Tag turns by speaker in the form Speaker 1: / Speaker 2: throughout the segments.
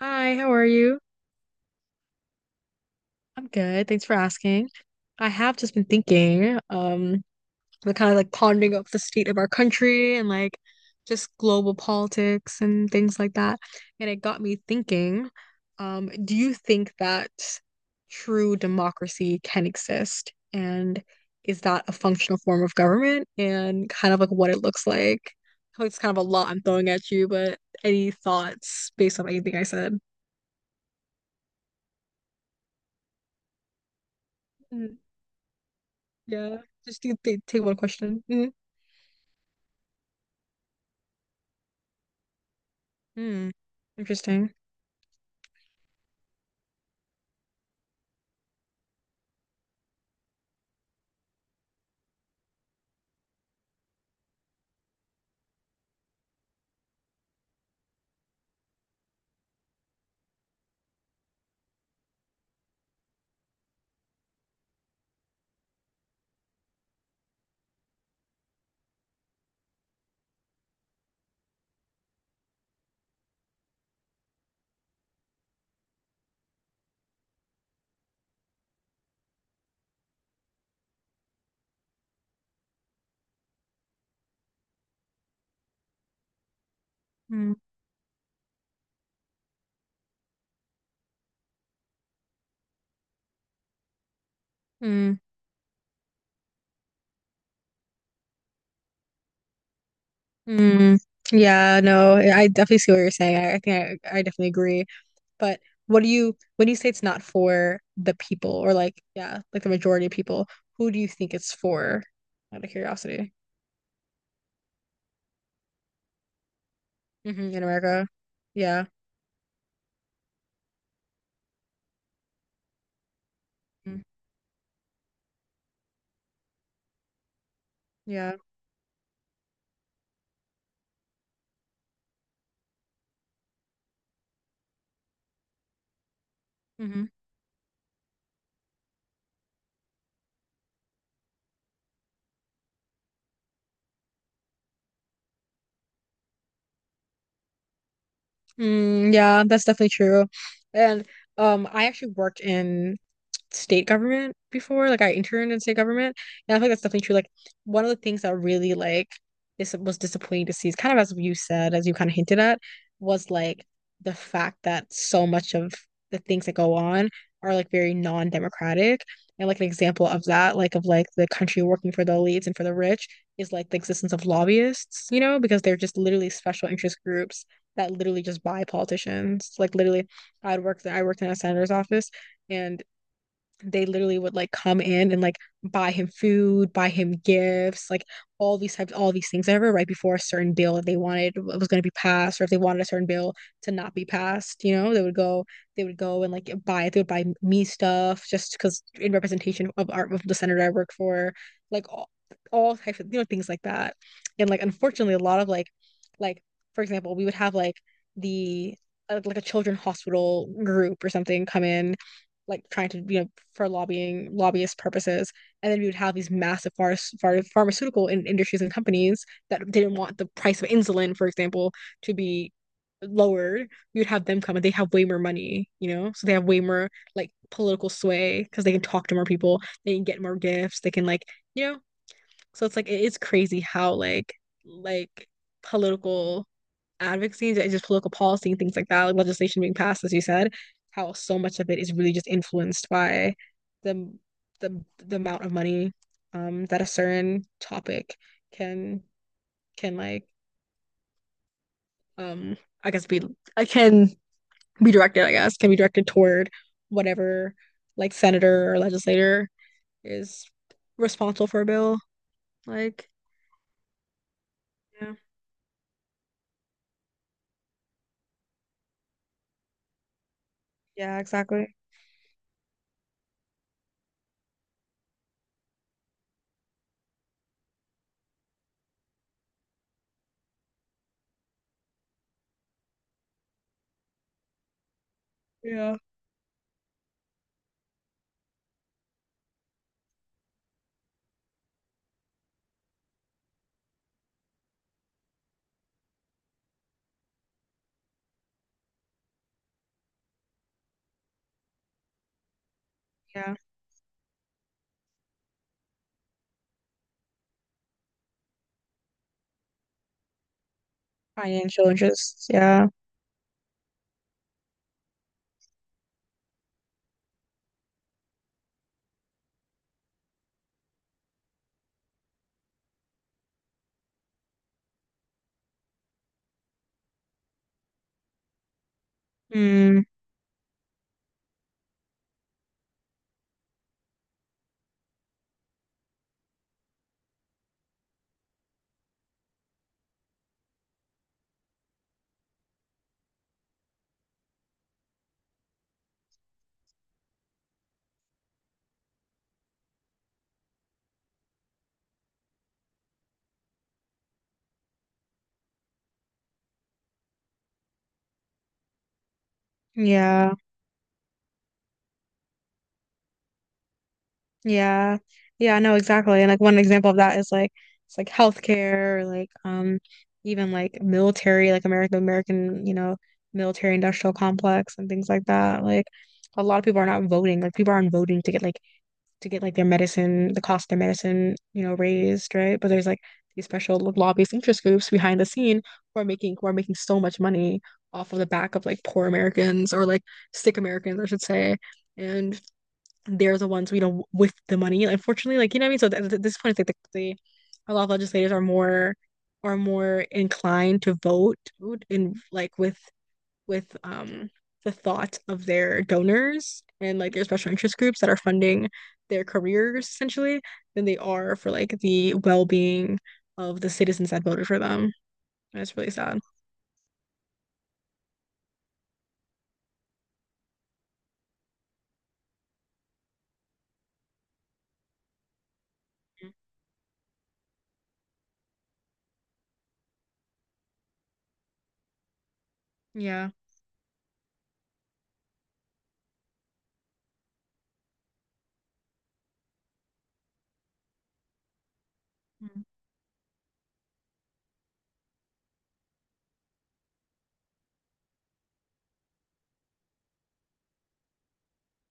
Speaker 1: Hi, how are you? I'm good. Thanks for asking. I have just been thinking, the kind of like pondering of the state of our country and like just global politics and things like that. And it got me thinking, do you think that true democracy can exist? And is that a functional form of government and kind of like what it looks like? I feel like it's kind of a lot I'm throwing at you, but any thoughts based on anything I said? Yeah. Just take one question. Mm. Mm. Interesting. Mm. Mm. Mm. Yeah, no, I definitely see what you're saying. I think I definitely agree. But when you say it's not for the people or like, yeah, like the majority of people, who do you think it's for? Out of curiosity. Hmm. In America. Yeah. Mm. Yeah. Hmm. Mm, yeah, that's definitely true. And I actually worked in state government before. Like I interned in state government, and I feel like that's definitely true. Like one of the things that really like this was disappointing to see is kind of as you said, as you kind of hinted at, was like the fact that so much of the things that go on are like very non-democratic. And like an example of that, like of like the country working for the elites and for the rich is like the existence of lobbyists, you know, because they're just literally special interest groups that literally just buy politicians. Like literally I worked in a senator's office, and they literally would like come in and like buy him food, buy him gifts, like all these types, all these things. I remember right before a certain bill that they wanted was going to be passed, or if they wanted a certain bill to not be passed, you know, they would go and like buy it. They would buy me stuff just because in representation of art of the senator I work for, like all, all types of, you know, things like that. And like unfortunately, a lot of like for example, we would have like the like a children's hospital group or something come in like trying to, you know, for lobbying lobbyist purposes, and then we would have these massive pharmaceutical industries and companies that didn't want the price of insulin, for example, to be lowered. We would have them come, and they have way more money, you know, so they have way more like political sway because they can talk to more people, they can get more gifts, they can like, you know. So it's like it is crazy how like political advocacy and just political policy and things like that, like legislation being passed, as you said, how so much of it is really just influenced by the the amount of money, um, that a certain topic can can like um I guess be, I can be directed, I guess, can be directed toward whatever like senator or legislator is responsible for a bill. Like, yeah. Yeah, exactly. Yeah. Yeah. Financial interests. Yeah. Mm, yeah. Yeah. Yeah, no, exactly. And like one example of that is like it's like healthcare, or, like, um, even like military, like American, you know, military industrial complex and things like that. Like a lot of people are not voting. Like people aren't voting to get like their medicine, the cost of their medicine, you know, raised, right? But there's like these special lobbyist interest groups behind the scene who are making so much money off of the back of like poor Americans or like sick Americans, I should say. And they're the ones, you know, with the money. Unfortunately, like you know what I mean. So th th this point, it's like the a lot of legislators are more inclined to vote in like with, um, the thought of their donors and like their special interest groups that are funding their careers essentially than they are for like the well-being of the citizens that voted for them. And it's really sad. Yeah. Mm.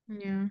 Speaker 1: Yeah.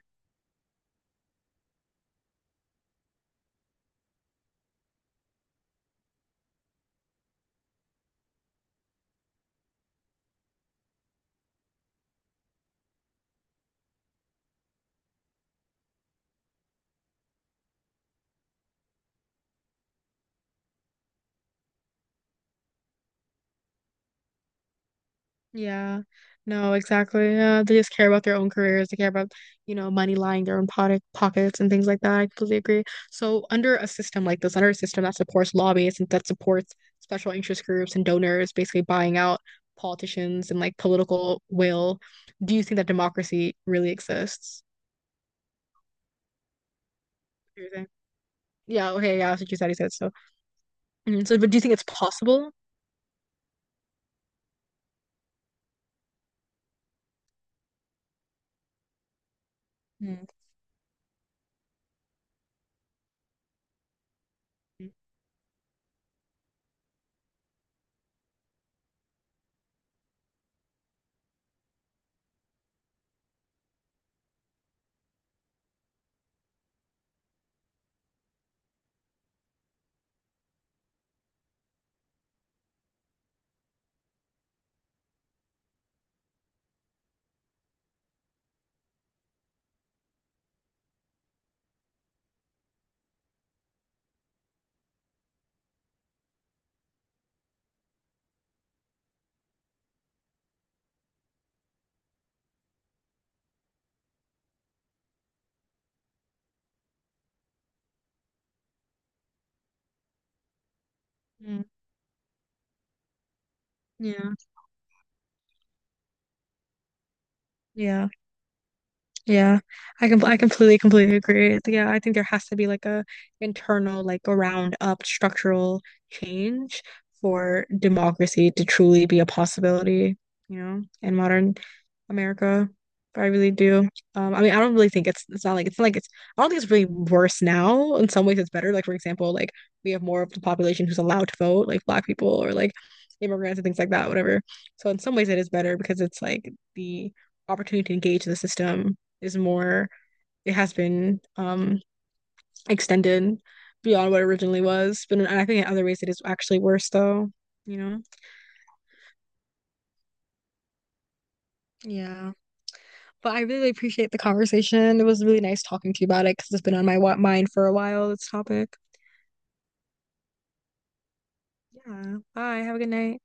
Speaker 1: Yeah, no, exactly. Yeah, they just care about their own careers. They care about, you know, money lying their own pockets and things like that. I completely agree. So under a system like this, under a system that supports lobbyists and that supports special interest groups and donors basically buying out politicians and like political will, do you think that democracy really exists? What do you think? Yeah, okay, yeah, that's what you said. You said so. Mhm. So, but do you think it's possible? Hmm. Mm. Yeah. Yeah. Yeah, I completely agree. Yeah, I think there has to be like a internal like a round up structural change for democracy to truly be a possibility, you know, in modern America. I really do. I mean, I don't really think it's not like it's not like it's I don't think it's really worse now. In some ways, it's better. Like for example, like we have more of the population who's allowed to vote, like Black people or like immigrants and things like that, whatever. So in some ways, it is better because it's like the opportunity to engage the system is more. It has been, um, extended beyond what it originally was, but I think in other ways it is actually worse though, you know? Yeah. But I really appreciate the conversation. It was really nice talking to you about it because it's been on my mind for a while, this topic. Yeah. Bye. Have a good night.